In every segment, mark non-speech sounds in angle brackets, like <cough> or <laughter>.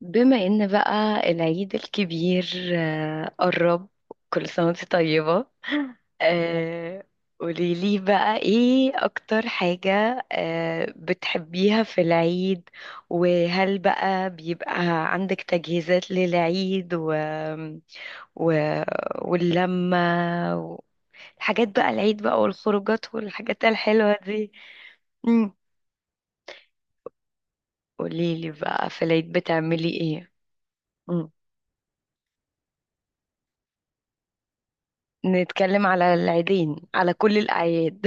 بما ان بقى العيد الكبير قرب. كل سنة وانت طيبة. آه، قوليلي بقى ايه اكتر حاجة بتحبيها في العيد؟ وهل بقى بيبقى عندك تجهيزات للعيد و... واللمة، والحاجات بقى العيد بقى، والخروجات والحاجات الحلوة دي؟ مم. قوليلي بقى في العيد بتعملي ايه؟ نتكلم على العيدين، على كل الأعياد.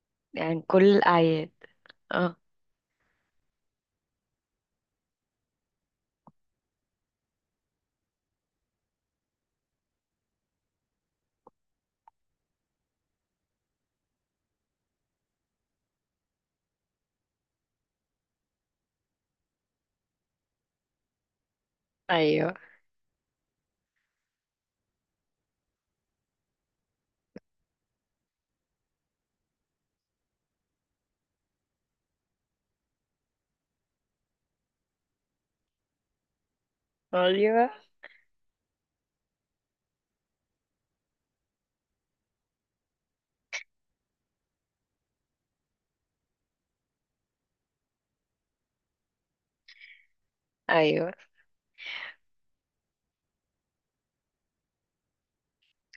<laughs> يعني كل الأعياد. اه، أيوه، أيوه، أيوه.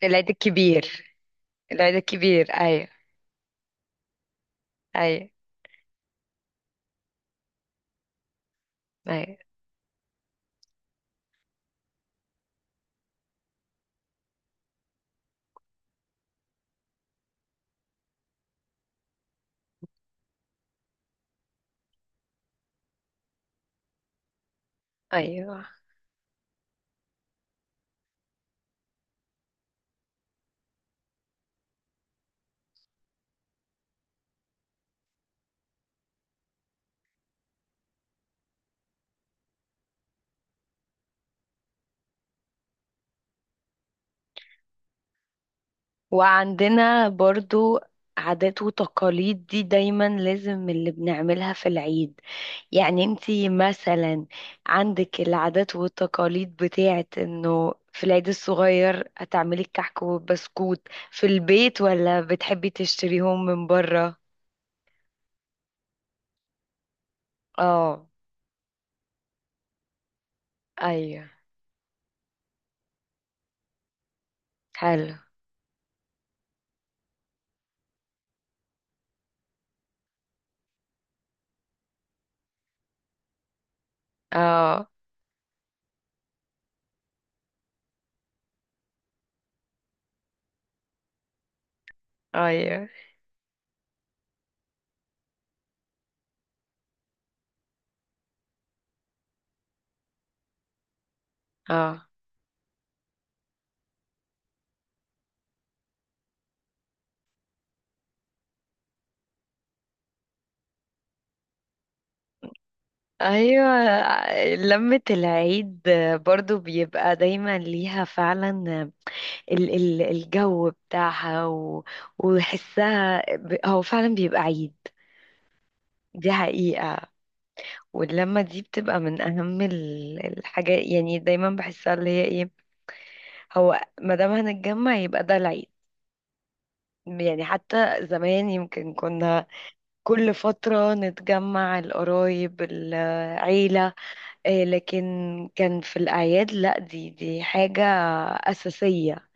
العيد الكبير، العيد الكبير، أيوه. أيوه، أيوه، أيوه. وعندنا برضو عادات وتقاليد دي دايما لازم اللي بنعملها في العيد. يعني انتي مثلا عندك العادات والتقاليد بتاعت انه في العيد الصغير هتعملي الكحك والبسكوت في البيت ولا بتحبي تشتريهم من بره؟ اه. ايوه. حلو. اه، ايوه. اه، ايوه. لمة العيد برضو بيبقى دايما ليها فعلا ال الجو بتاعها وحسها، هو فعلا بيبقى عيد. دي حقيقة. واللمة دي بتبقى من أهم الحاجات، يعني دايما بحسها اللي هي ايه. هو ما دام هنتجمع يبقى ده العيد. يعني حتى زمان يمكن كنا كل فترة نتجمع القرايب العيلة، لكن كان في الأعياد لا، دي حاجة أساسية.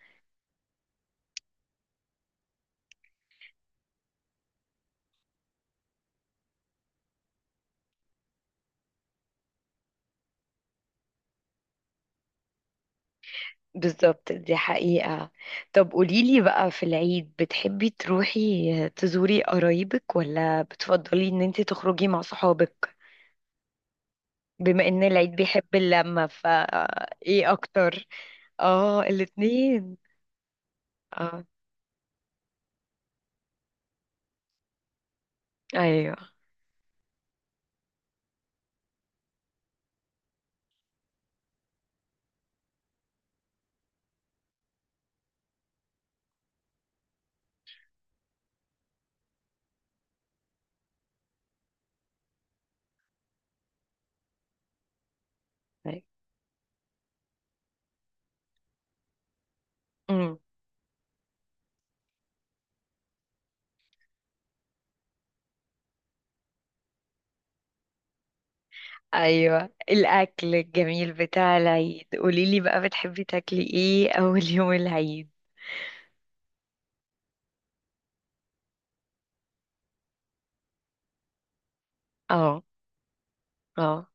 بالظبط. دي حقيقة. طب قوليلي بقى في العيد بتحبي تروحي تزوري قرايبك ولا بتفضلي ان انت تخرجي مع صحابك؟ بما ان العيد بيحب اللمة فا ايه اكتر؟ اه الاتنين. اه، ايوه. أيوة. امم. ايوه الاكل الجميل بتاع العيد. قوليلي بقى بتحبي تاكلي ايه اول <laughs> يوم العيد؟ اه، اه،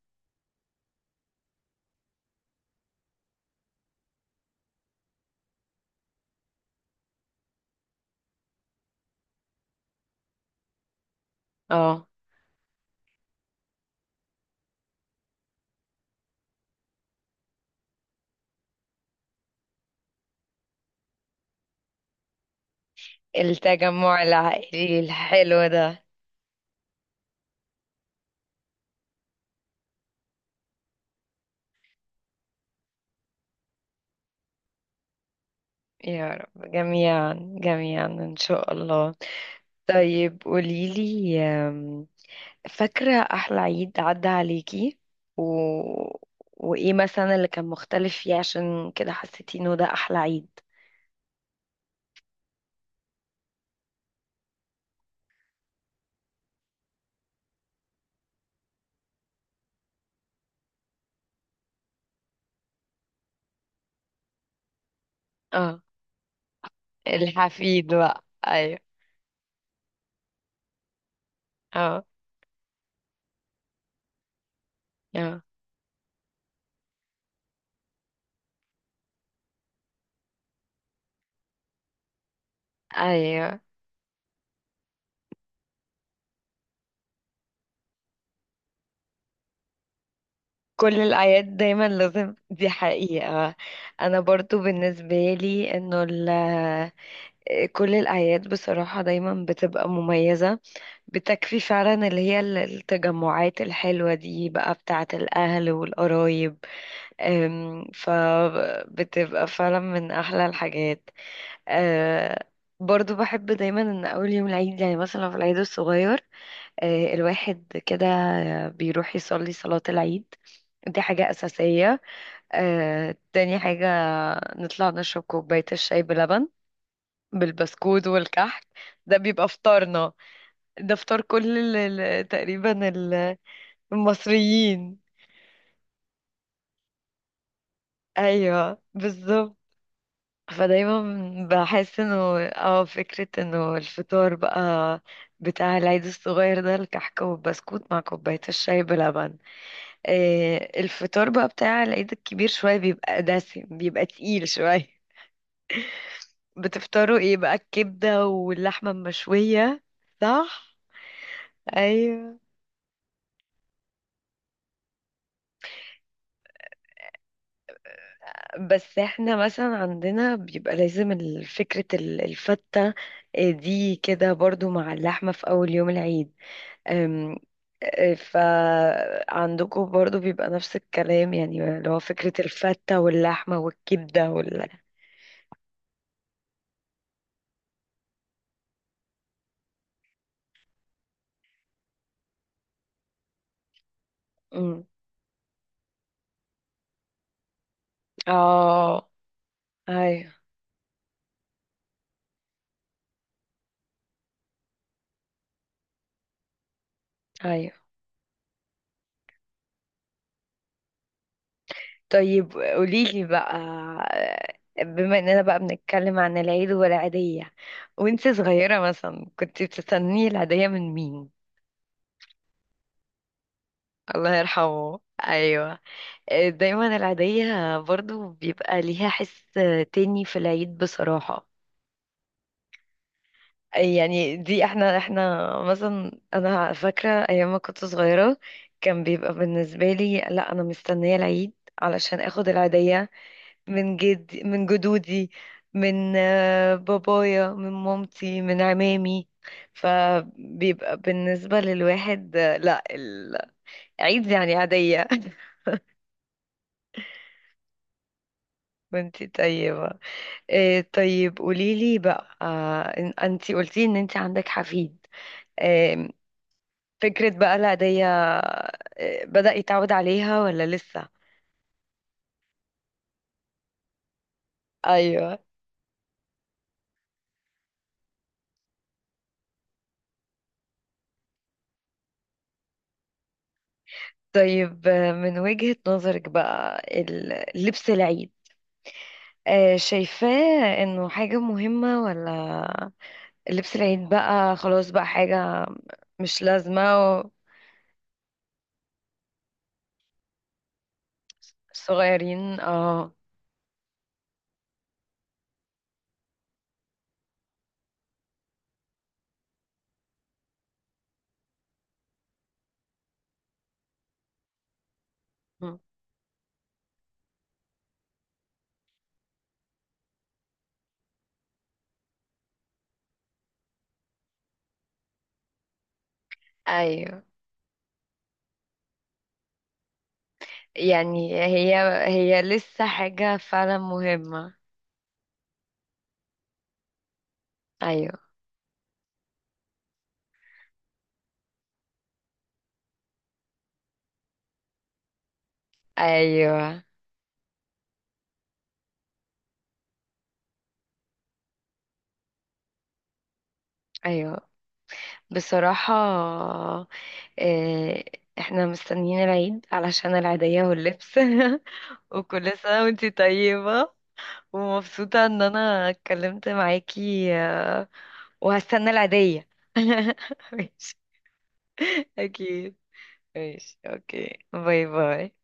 اه. التجمع العائلي الحلو ده. يا رب جميعا. جميعا إن شاء الله. طيب قوليلي فاكرة أحلى عيد عدى عليكي و... وإيه مثلا اللي كان مختلف فيه عشان كده حسيتي إنه ده أحلى عيد؟ اه الحفيد بقى أيوه. اه، اه، أيوه. كل الأعياد دايما لازم. دي حقيقة. أنا برضو بالنسبة لي إنه كل الأعياد بصراحة دايما بتبقى مميزة. بتكفي فعلا اللي هي التجمعات الحلوة دي بقى بتاعة الأهل والقرايب. فبتبقى فعلا من أحلى الحاجات. أه، برضو بحب دايما ان اول يوم العيد، يعني مثلا في العيد الصغير، الواحد كده بيروح يصلي صلاة العيد. دي حاجة أساسية. تاني حاجة نطلع نشرب كوباية الشاي بلبن بالبسكوت والكحك. ده بيبقى فطارنا. ده فطار كل تقريبا المصريين. ايوه بالظبط. فدايما بحس انه اه فكرة انه الفطار بقى بتاع العيد الصغير ده الكحكة والبسكوت مع كوباية الشاي بلبن. إيه الفطار بقى بتاع العيد الكبير؟ شوية بيبقى دسم، بيبقى تقيل شوية. بتفطروا ايه بقى؟ الكبدة واللحمة المشوية؟ صح؟ ايوه. بس احنا مثلا عندنا بيبقى لازم الفتة، دي كده برضو مع اللحمة في أول يوم العيد. أم، آه، فعندكم برضو بيبقى نفس الكلام يعني اللي هو فكرة الفتة واللحمة والكبدة. مم. اه، ايوه، ايوه. طيب قوليلي بقى، بما اننا بقى بنتكلم عن العيد والعيدية، وانت صغيرة مثلا كنت بتستني العيدية من مين؟ الله يرحمه. ايوه. دايما العيدية برضو بيبقى ليها حس تاني في العيد بصراحة. يعني دي احنا مثلا، انا فاكرة ايام ما كنت صغيرة، كان بيبقى بالنسبة لي لا، انا مستنية العيد علشان اخد العيدية من جدودي، من بابايا، من مامتي، من عمامي. فبيبقى بالنسبة للواحد لا، العيد يعني عادية. <laughs> وانتي طيبة. طيب قوليلي بقى، انت قلتي ان انت عندك حفيد. آه فكرة بقى العيدية بدأ يتعود عليها ولا لسه؟ ايوه. طيب، من وجهة نظرك بقى لبس العيد شايفاه انه حاجة مهمة، ولا لبس العيد بقى خلاص بقى حاجة مش لازمة؟ صغيرين اه. م. ايوه. يعني هي لسه حاجة فعلا مهمة. ايوه، ايوه، ايوه. بصراحة، آه، احنا مستنيين العيد علشان العيدية واللبس. <laughs> وكل سنة وانتي طيبة. ومبسوطة ان انا اتكلمت معاكي. وهستنى العيدية. <laughs> ماشي. اكيد. ماشي اوكي باي باي.